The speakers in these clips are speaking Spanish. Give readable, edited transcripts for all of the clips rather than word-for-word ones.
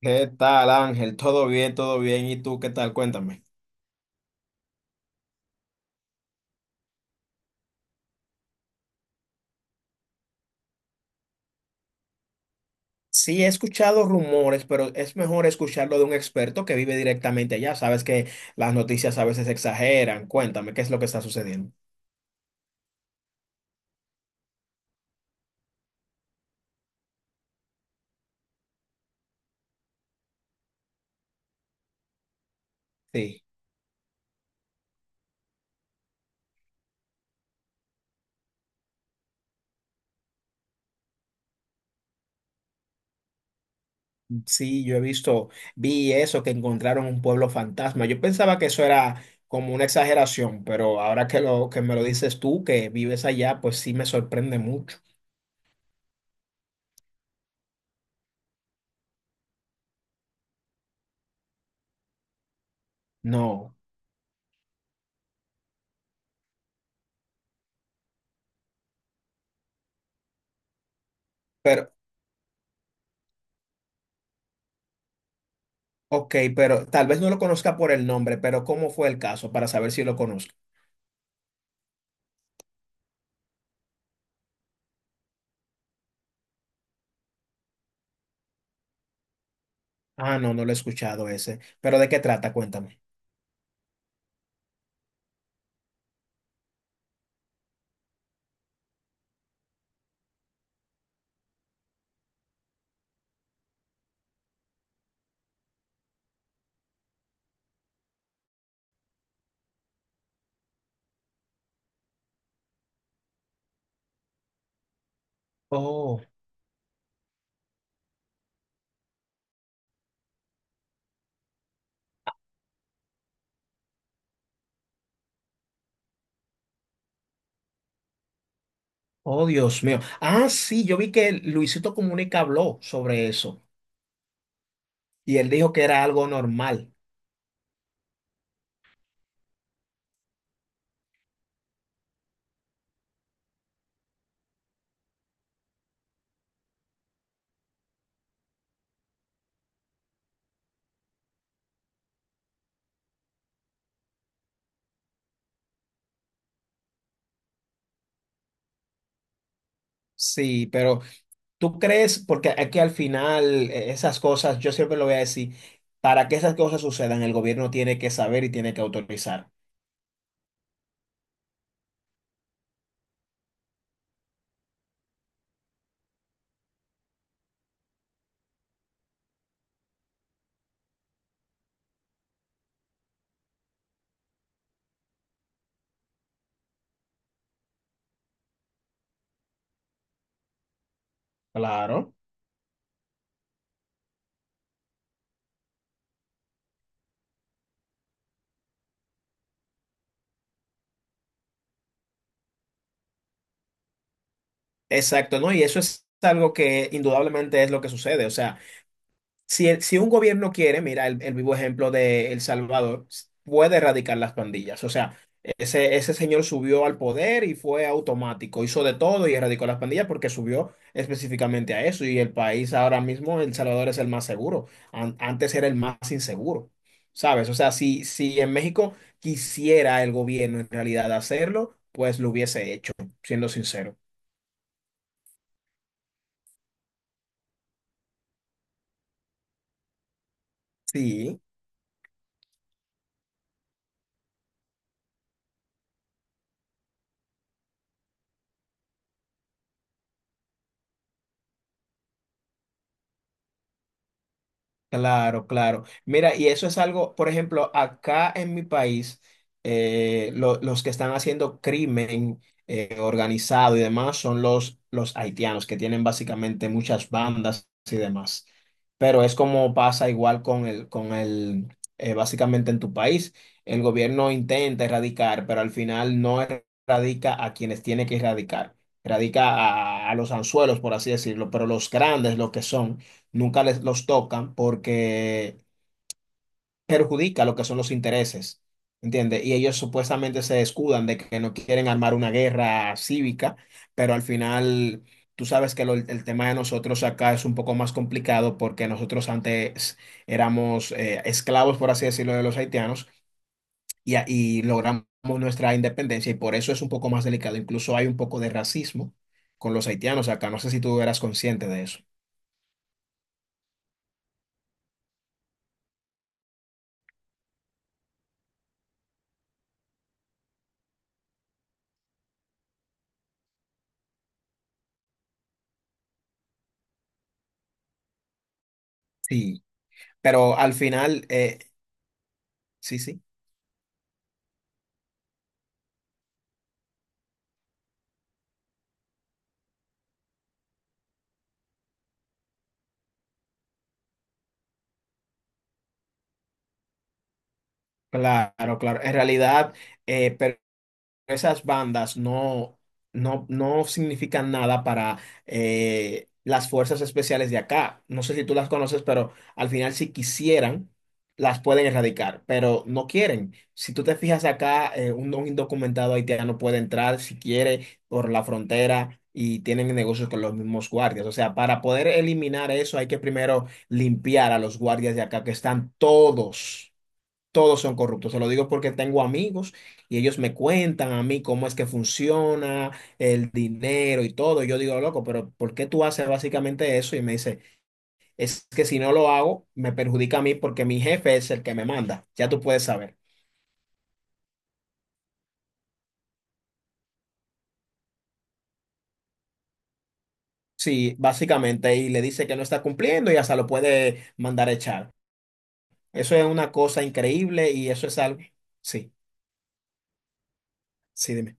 ¿Qué tal, Ángel? ¿Todo bien? ¿Todo bien? ¿Y tú qué tal? Cuéntame. Sí, he escuchado rumores, pero es mejor escucharlo de un experto que vive directamente allá. Sabes que las noticias a veces exageran. Cuéntame, ¿qué es lo que está sucediendo? Sí, sí, yo he visto, vi eso, que encontraron un pueblo fantasma. Yo pensaba que eso era como una exageración, pero ahora que lo que me lo dices tú, que vives allá, pues sí me sorprende mucho. No, pero, ok, pero tal vez no lo conozca por el nombre, pero ¿cómo fue el caso para saber si lo conozco? Ah, no, no lo he escuchado ese. ¿Pero de qué trata? Cuéntame. Oh, oh, Dios mío. Ah, sí, yo vi que Luisito Comunica habló sobre eso y él dijo que era algo normal. Sí, pero tú crees, porque aquí al final esas cosas, yo siempre lo voy a decir, para que esas cosas sucedan, el gobierno tiene que saber y tiene que autorizar. Claro. Exacto, ¿no? Y eso es algo que indudablemente es lo que sucede. O sea, si, si un gobierno quiere, mira el vivo ejemplo de El Salvador, puede erradicar las pandillas. O sea, ese señor subió al poder y fue automático, hizo de todo y erradicó las pandillas porque subió específicamente a eso. Y el país ahora mismo, El Salvador es el más seguro. Antes era el más inseguro, ¿sabes? O sea, si, si en México quisiera el gobierno en realidad hacerlo, pues lo hubiese hecho, siendo sincero. Sí. Claro, claro. Mira, y eso es algo, por ejemplo, acá en mi país, los que están haciendo crimen organizado y demás son los haitianos, que tienen básicamente muchas bandas y demás. Pero es como pasa igual con el, básicamente en tu país, el gobierno intenta erradicar, pero al final no erradica a quienes tiene que erradicar. Erradica a los anzuelos, por así decirlo, pero los grandes, los que son nunca les los tocan porque perjudica lo que son los intereses, ¿entiendes? Y ellos supuestamente se escudan de que no quieren armar una guerra cívica, pero al final tú sabes que el tema de nosotros acá es un poco más complicado porque nosotros antes éramos esclavos, por así decirlo, de los haitianos y, y logramos nuestra independencia y por eso es un poco más delicado. Incluso hay un poco de racismo con los haitianos acá. No sé si tú eras consciente de eso. Sí, pero al final, sí, sí. Claro, claro. En realidad, pero esas bandas no, no significan nada para las fuerzas especiales de acá. No sé si tú las conoces, pero al final si quisieran, las pueden erradicar, pero no quieren. Si tú te fijas acá, un indocumentado haitiano puede entrar si quiere por la frontera y tienen negocios con los mismos guardias. O sea, para poder eliminar eso hay que primero limpiar a los guardias de acá que están todos son corruptos. Se lo digo porque tengo amigos y ellos me cuentan a mí cómo es que funciona el dinero y todo. Y yo digo, loco, pero ¿por qué tú haces básicamente eso? Y me dice, es que si no lo hago, me perjudica a mí porque mi jefe es el que me manda. Ya tú puedes saber. Sí, básicamente, y le dice que no está cumpliendo y hasta lo puede mandar a echar. Eso es una cosa increíble y eso es algo. Sí, sí, dime.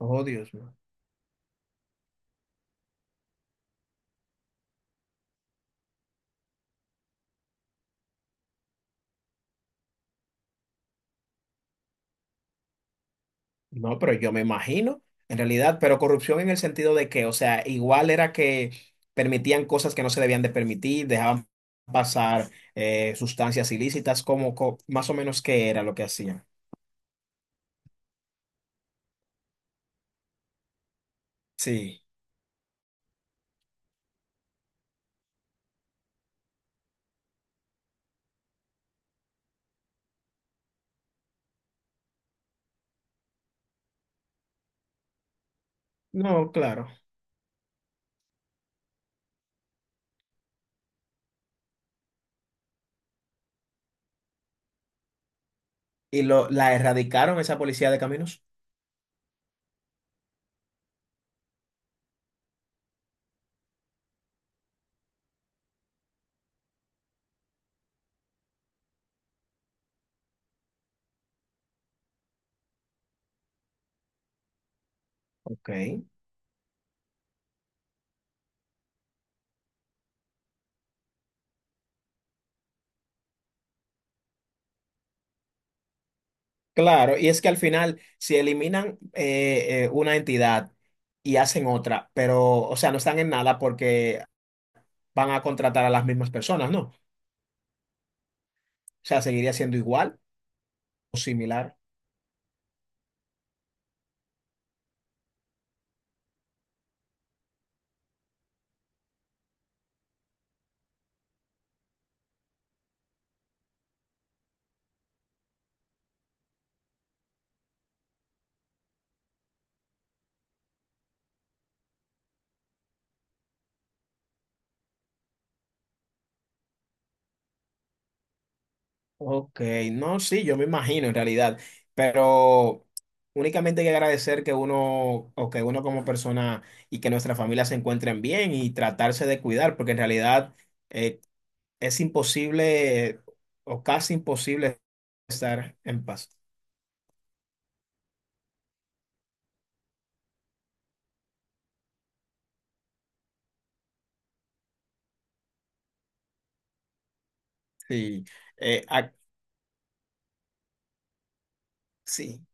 Oh, Dios mío. No, pero yo me imagino, en realidad, pero corrupción en el sentido de que, o sea, igual era que permitían cosas que no se debían de permitir, dejaban pasar sustancias ilícitas, como más o menos qué era lo que hacían. Sí, no, claro. Y lo, la erradicaron esa policía de caminos. Ok. Claro, y es que al final, si eliminan una entidad y hacen otra, pero, o sea, no están en nada porque van a contratar a las mismas personas, ¿no? O sea, seguiría siendo igual o similar. Ok, no, sí, yo me imagino en realidad, pero únicamente hay que agradecer que uno o que uno como persona y que nuestra familia se encuentren bien y tratarse de cuidar, porque en realidad eh, es imposible o casi imposible estar en paz. Sí, eh, ac- sí.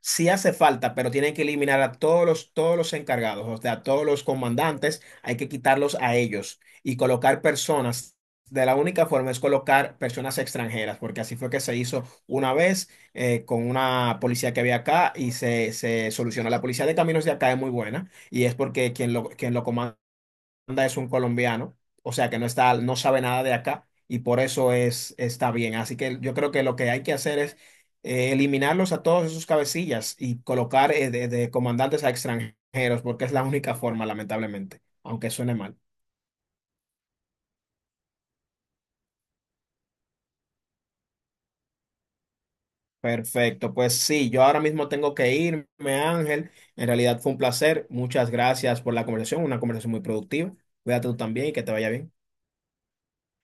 Sí hace falta, pero tienen que eliminar a todos los encargados, o sea, a todos los comandantes, hay que quitarlos a ellos y colocar personas. De la única forma es colocar personas extranjeras, porque así fue que se hizo una vez con una policía que había acá y se solucionó. La policía de caminos de acá es muy buena y es porque quien lo comanda. Miranda es un colombiano, o sea que no está, no sabe nada de acá y por eso es, está bien. Así que yo creo que lo que hay que hacer es eliminarlos a todos esos cabecillas y colocar de comandantes a extranjeros, porque es la única forma, lamentablemente, aunque suene mal. Perfecto, pues sí, yo ahora mismo tengo que irme, Ángel. En realidad fue un placer. Muchas gracias por la conversación, una conversación muy productiva. Cuídate tú también y que te vaya bien.